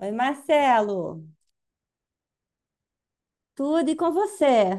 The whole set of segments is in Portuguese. Oi, Marcelo, tudo e com você?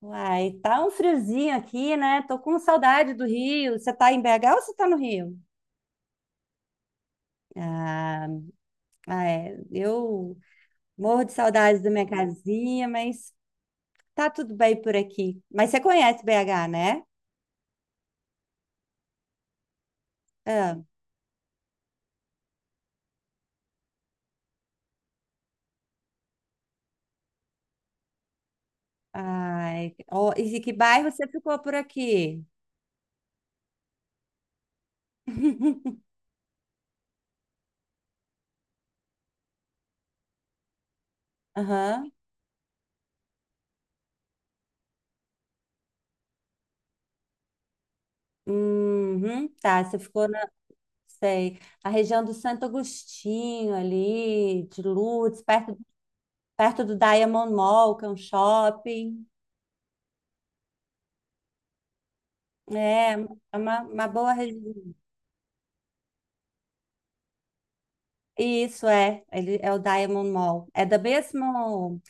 Uai, tá um friozinho aqui, né? Tô com saudade do Rio. Você tá em BH ou você tá no Rio? Ah, é. Eu morro de saudades da minha casinha, mas tá tudo bem por aqui. Mas você conhece BH, né? Ah, ai, ó, e que bairro você ficou por aqui? Aham. Uhum, tá, sei, a região do Santo Agostinho ali, de Lourdes, perto do Diamond Mall, que é um shopping. É, é uma boa região. Isso é, ele é o Diamond Mall.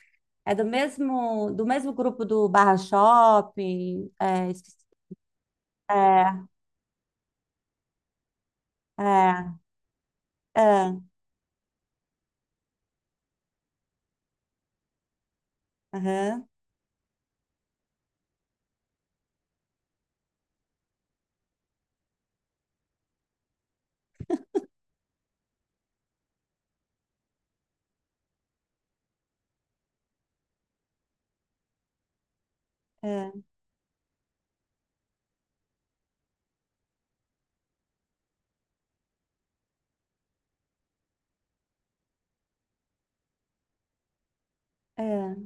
É do mesmo grupo do Barra Shopping. É, esqueci- é, é, é, aham, é, é,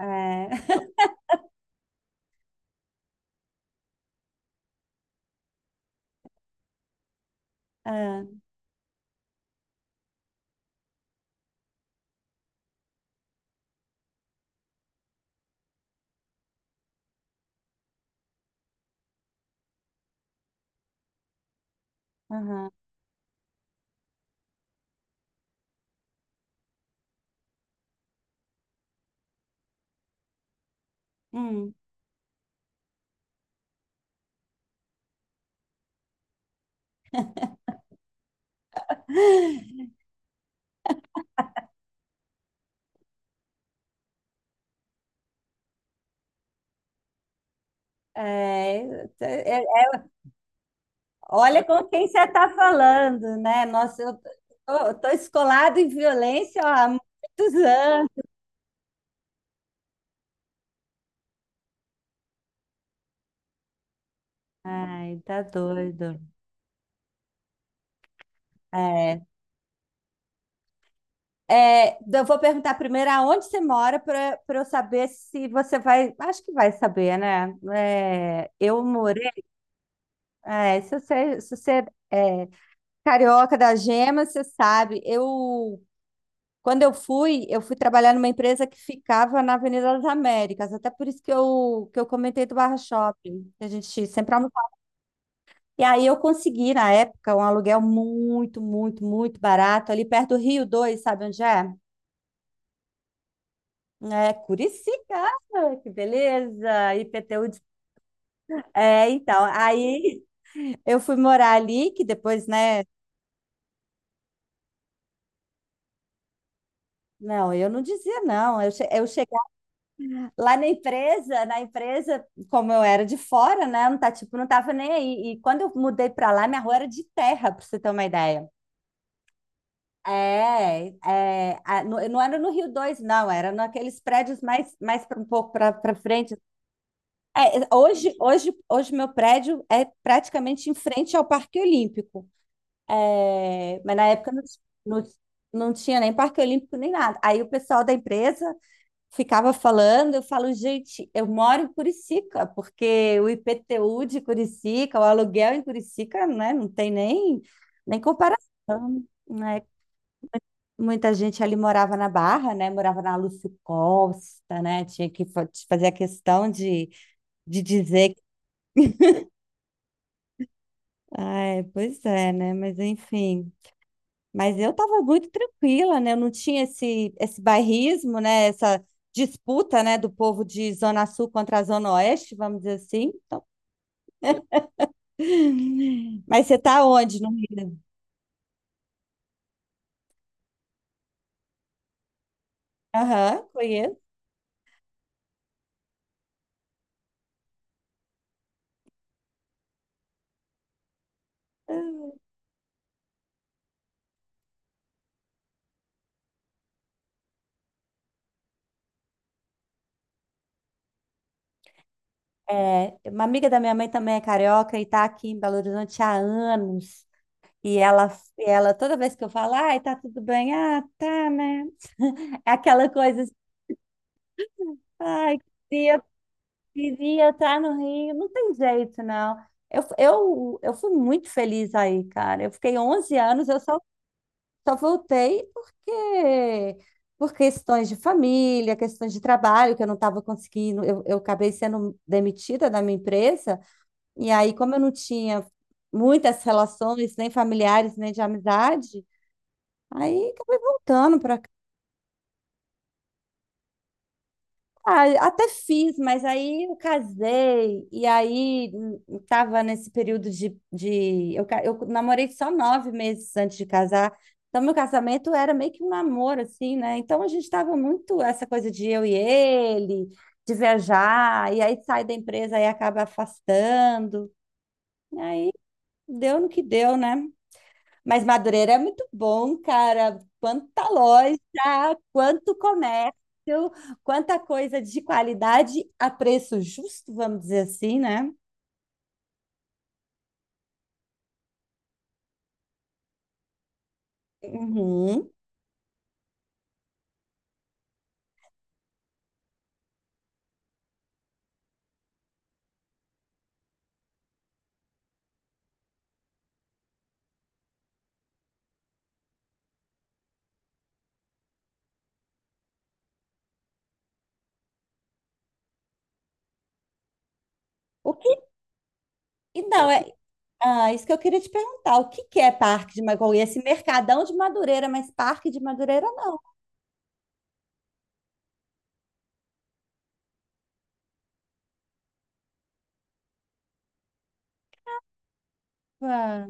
é, é, aham, hum. É, é, é. Olha com quem você está falando, né? Nossa, tô escolado em violência ó, há muitos anos. Ai, tá doido. É, é, eu vou perguntar primeiro aonde você mora para eu saber se você vai. Acho que vai saber, né? É, eu morei. Se você se você, é carioca da Gema, você sabe. Eu Quando eu fui trabalhar numa empresa que ficava na Avenida das Américas, até por isso que eu comentei do Barra Shopping, que a gente sempre almoçava. E aí eu consegui, na época, um aluguel muito, muito, muito barato, ali perto do Rio 2, sabe onde é? É Curicica, que beleza, IPTU. De... É, então, aí eu fui morar ali, que depois, né? Não, eu não dizia não, eu cheguei na empresa, como eu era de fora, né? Não tá, tipo, não tava nem aí. E quando eu mudei pra lá, minha rua era de terra, pra você ter uma ideia. É, é, a- no- não era no Rio dois, não, era naqueles prédios mais, um pouco para frente. É, hoje meu prédio é praticamente em frente ao Parque Olímpico. É, mas na época não, não, não tinha nem Parque Olímpico nem nada. Aí o pessoal da empresa ficava falando, eu falo, gente, eu moro em Curicica, porque o IPTU de Curicica, o aluguel em Curicica, né, não tem nem, nem comparação, né? Muita gente ali morava na Barra, né? Morava na Lúcio Costa, né? Tinha que fa- fazer de dizer que... Ai, pois é, né? Mas enfim. Mas eu tava muito tranquila, né? Eu não tinha esse bairrismo, né? Essa disputa, né? Do povo de Zona Sul contra a Zona Oeste, vamos dizer assim. Então, mas você tá onde no Rio? Aham, conheço. É, uma amiga da minha mãe também é carioca e tá aqui em Belo Horizonte há anos. E ela, ela toda vez que eu falo, ai, tá tudo bem? Ah, tá, né? É aquela coisa, assim, ai, queria, queria estar no Rio. Não tem jeito, não. Eu fui muito feliz aí, cara. Eu fiquei 11 anos, eu só só voltei porque por questões de família, questões de trabalho, que eu não estava conseguindo, eu acabei sendo demitida da minha empresa, e aí, como eu não tinha muitas relações, nem familiares, nem de amizade, aí acabei voltando para... Ah, até fiz, mas aí eu casei, e aí tava nesse período de eu namorei só 9 meses antes de casar, então meu casamento era meio que um namoro, assim, né? Então a gente tava muito essa coisa de eu e ele, de viajar, e aí sai da empresa e acaba afastando, e aí deu no que deu, né? Mas Madureira é muito bom, cara. Quanta loja, quanto comércio, quanta coisa de qualidade a preço justo, vamos dizer assim, né? Uhum. O que então é ah, isso que eu queria te perguntar. O que que é Parque de Madureira? Esse mercadão de Madureira, mas Parque de Madureira não. Ah,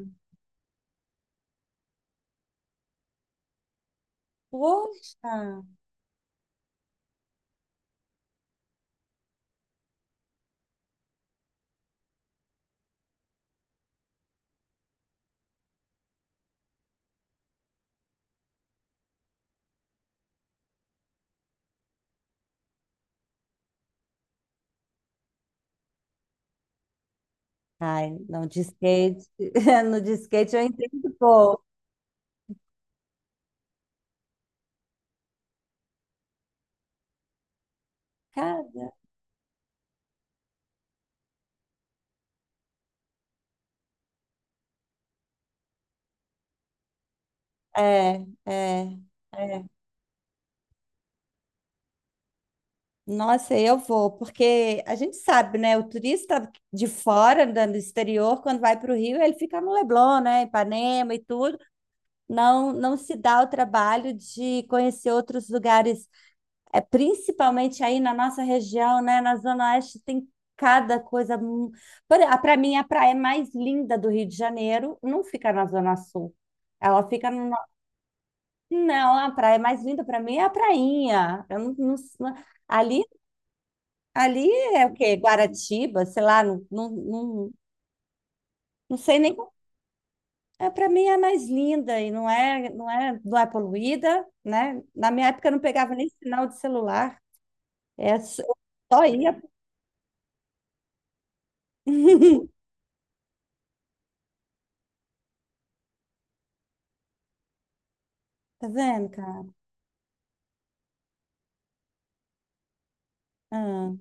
poxa. Ai, não de skate, no de skate eu entendo pouco. Cara, é, é. É. Nossa, eu vou, porque a gente sabe, né? O turista de fora, da- do exterior, quando vai para o Rio, ele fica no Leblon, né? Ipanema e tudo. Não, não se dá o trabalho de conhecer outros lugares, é, principalmente aí na nossa região, né? Na Zona Oeste tem cada coisa. Para mim, a praia mais linda do Rio de Janeiro não fica na Zona Sul. Ela fica no... Não, a praia mais linda para mim é a prainha. Eu não, não- não- ali ali é o quê? Guaratiba, sei lá, não, não, não, não sei nem. É, para mim é mais linda e não é, não é poluída, né? Na minha época eu não pegava nem sinal de celular. É só, eu só ia. Tá vendo, cara? Ah.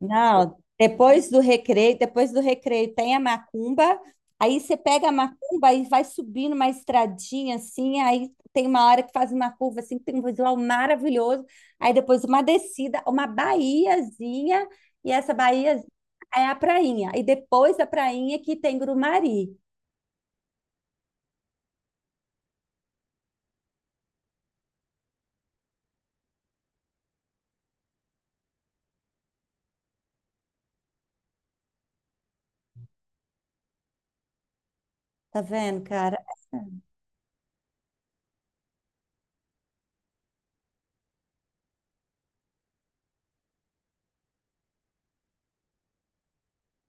Não, depois do recreio tem a macumba, aí você pega a macumba e vai subindo uma estradinha assim, aí tem uma hora que faz uma curva assim, que tem um visual maravilhoso, aí depois uma descida, uma baiazinha, e essa baía é a prainha, e depois da prainha que tem Grumari, tá vendo, cara?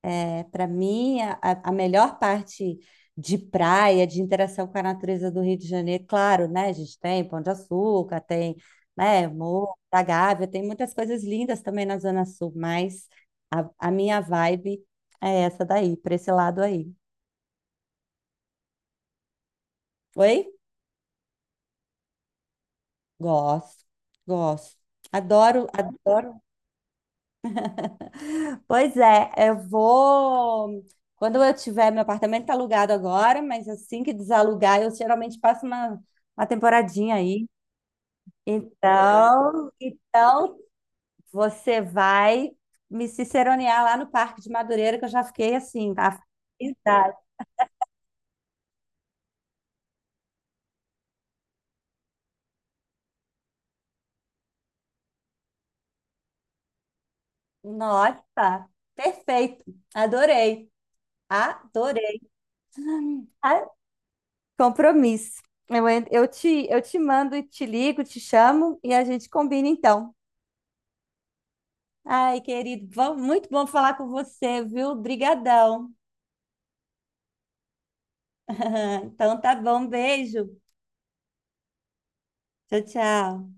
É, para mim, a melhor parte de praia, de interação com a natureza do Rio de Janeiro, claro, né? A gente tem Pão de Açúcar, tem, né, Morro da Gávea, tem muitas coisas lindas também na Zona Sul, mas a minha vibe é essa daí, para esse lado aí. Oi? Gosto, gosto. Adoro, adoro. Pois é, eu vou. Quando eu tiver, meu apartamento está alugado agora, mas assim que desalugar, eu geralmente passo uma temporadinha aí. Então você vai me ciceronear lá no Parque de Madureira, que eu já fiquei assim, a felicidade. Nossa, perfeito. Adorei. Adorei. Ah, compromisso. Eu te mando e te ligo, te chamo e a gente combina então. Ai, querido, bom- muito bom falar com você, viu? Brigadão. Então tá bom, beijo. Tchau, tchau.